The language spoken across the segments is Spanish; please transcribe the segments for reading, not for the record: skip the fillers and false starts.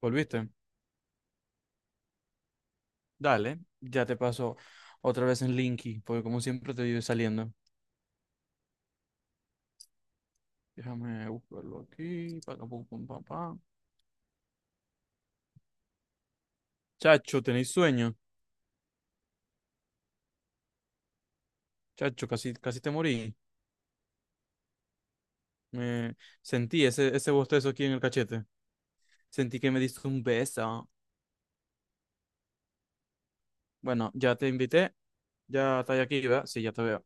¿Volviste? Dale, ya te paso otra vez en Linky, porque como siempre te vive saliendo. Déjame buscarlo aquí. Pa, pa, pum, pum, pa, pa. Chacho, ¿tenéis sueño? Chacho, casi, casi te morí. Me sentí ese bostezo aquí en el cachete. Sentí que me diste un beso. Bueno, ya te invité. Ya estás aquí, ¿verdad? Sí, ya te veo.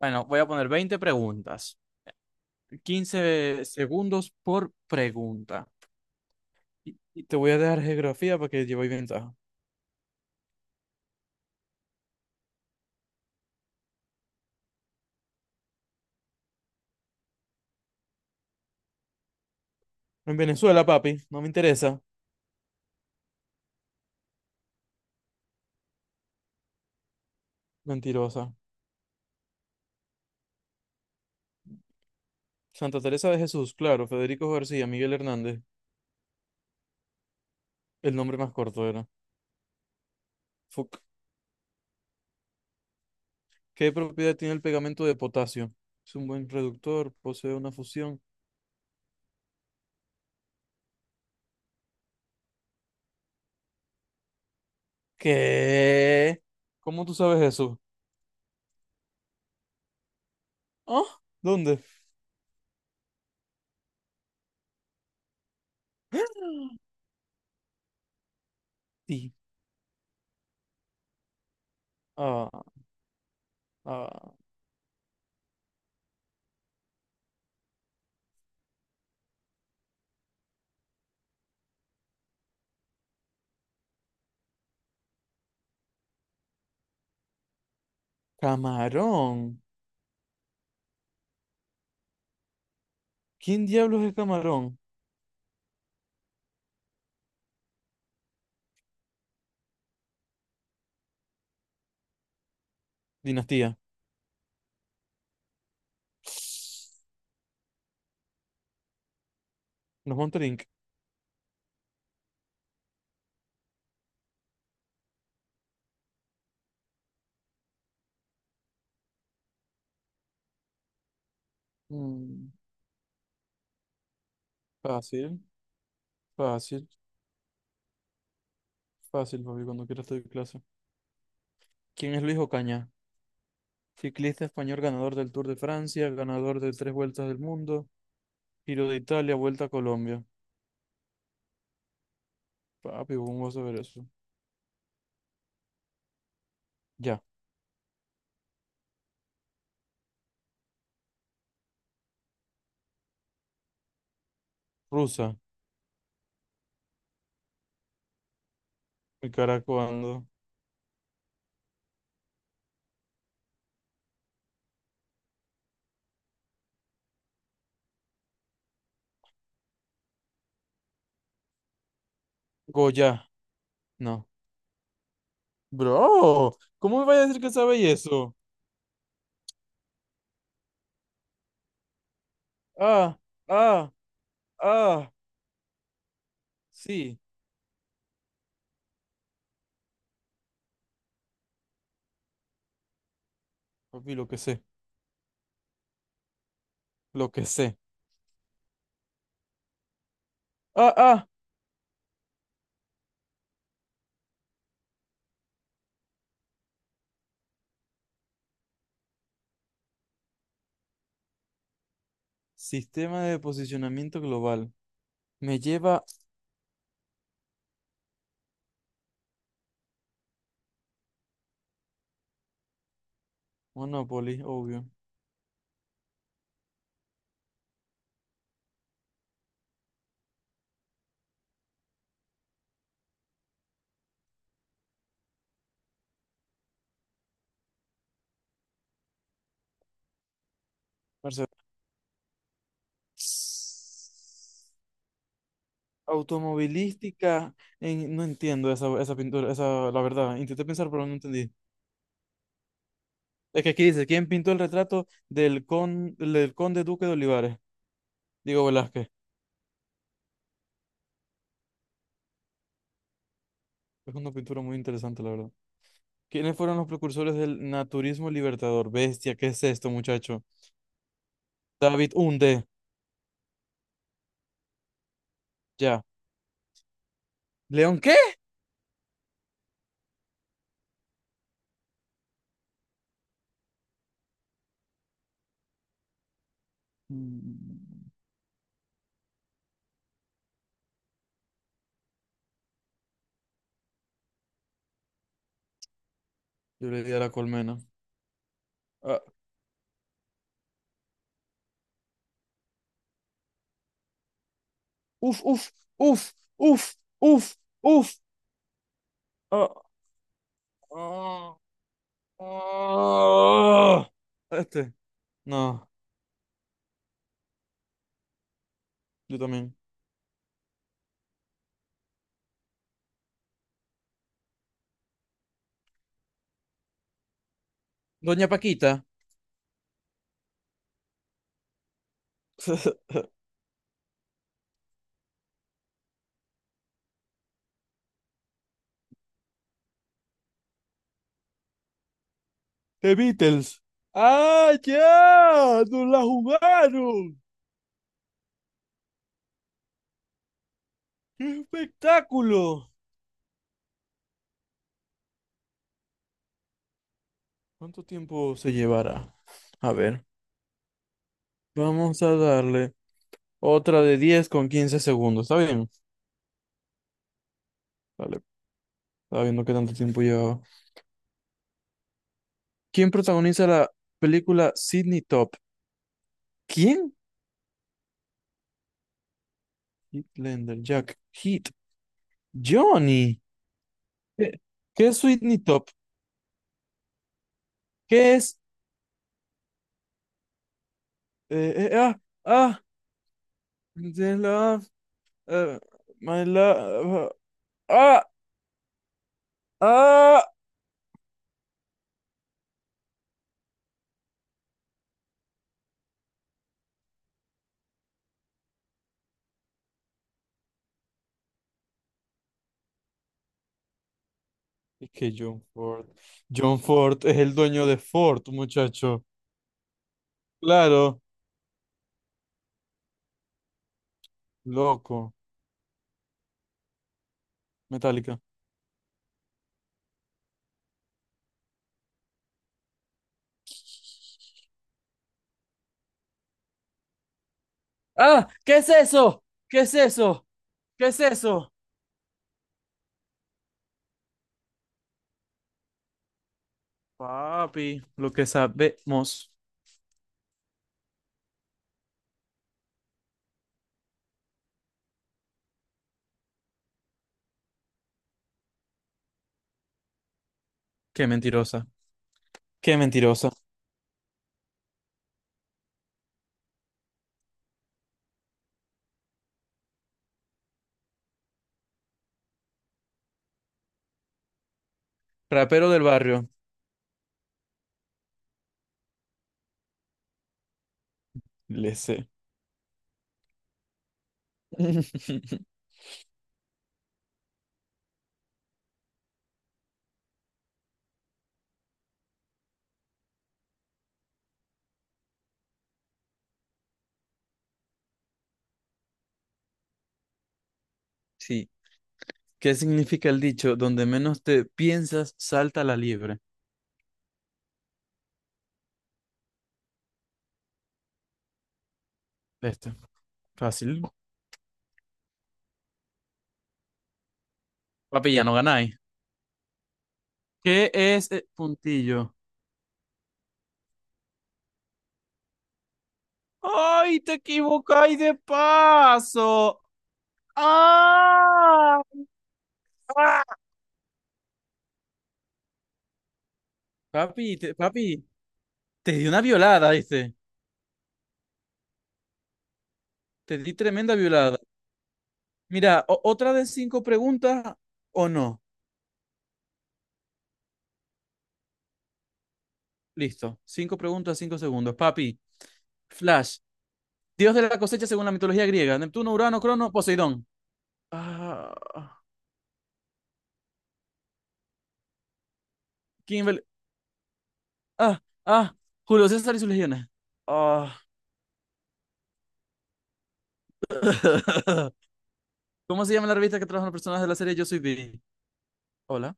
Bueno, voy a poner 20 preguntas. 15 segundos por pregunta. Y te voy a dejar geografía para que llevéis ventaja. En Venezuela, papi, no me interesa. Mentirosa. Santa Teresa de Jesús, claro, Federico García, Miguel Hernández. El nombre más corto era. Fuck. ¿Qué propiedad tiene el pegamento de potasio? Es un buen reductor, posee una fusión. ¿Qué? ¿Cómo tú sabes eso? ¿Ah? ¿Dónde? Sí. Ah, ah. Camarón. ¿Quién diablos es Camarón? Dinastía. Los Monterink. Mm, fácil, fácil, fácil, papi, cuando quieras te doy clase. ¿Quién es Luis Ocaña? Ciclista español ganador del Tour de Francia, ganador de tres vueltas del mundo, Giro de Italia, Vuelta a Colombia. Papi, ¿cómo vas a ver eso? Ya. Rusa. Mi cara cuando. Goya. No. Bro, ¿cómo me vas a decir que sabéis eso? Ah, ah, ah. Sí. Papi, lo que sé. Lo que sé. Ah, ah. Sistema de posicionamiento global. Me lleva Monopoly, obvio. Mercedes. Automovilística, no entiendo esa pintura, esa, la verdad, intenté pensar, pero no entendí. Es que aquí dice, ¿quién pintó el retrato del conde duque de Olivares? Diego Velázquez. Es una pintura muy interesante, la verdad. ¿Quiénes fueron los precursores del naturismo libertador? Bestia, ¿qué es esto, muchacho? David Hunde, ya. ¿León qué? Mm, Yo le di a la colmena. Ah, uf, uf, uf, uf, uf, uf. Ah, ah, ah. Este. No, yo también. Doña Paquita. The Beatles. ¡Ah, ya! ¡Nos la jugaron! ¡Qué espectáculo! ¿Cuánto tiempo se llevará? A ver, vamos a darle otra de 10 con 15 segundos. ¿Está bien? Vale, estaba viendo qué tanto tiempo llevaba. ¿Quién protagoniza la película Sidney Top? ¿Quién? Heath Jack, Heat, Johnny. ¿Qué, qué es Sidney Top? ¿Qué es? Eh, eh, ah, ah, Uh, my love. Ah, ah. Es que John Ford. John Ford es el dueño de Ford, muchacho. Claro, loco. Metallica. ¡Ah! ¿Qué es eso? ¿Qué es eso? ¿Qué es eso? Papi, lo que sabemos. Qué mentirosa. Qué mentirosa. Rapero del barrio. Le sé. Sí. ¿Qué significa el dicho? Donde menos te piensas, salta la liebre. Este. Fácil. Papi, ya no ganáis. ¿Qué es puntillo? ¡Ay, te equivocáis de paso! ¡Ah! ¡Ah! Papi, papi, te di una violada, ¿viste? Te di tremenda violada. Mira, otra de cinco preguntas o no. Listo. Cinco preguntas, cinco segundos. Papi, Flash, dios de la cosecha según la mitología griega. Neptuno, Urano, Crono, Poseidón. Ah, Kimbel. Ah, ah, Julio César y sus legiones. Ah. ¿Cómo se llama la revista que trabajan los personajes de la serie Yo Soy Vivi? Hola.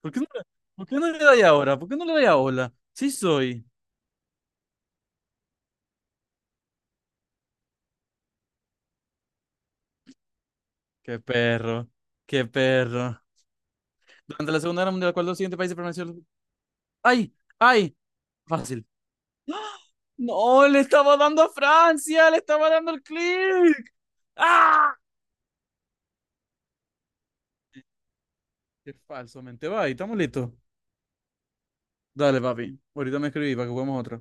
¿Por qué no, por qué no le doy ahora? ¿Por qué no le doy a hola? Sí soy. Qué perro. Qué perro. Durante la Segunda Guerra Mundial, ¿cuál de los siguientes países permaneció? ¡Ay! ¡Ay! Fácil. No, le estaba dando a Francia, le estaba dando el clic. ¡Ah! Qué falsamente va, y estamos listos. Dale, papi. Ahorita me escribí para que juguemos otra.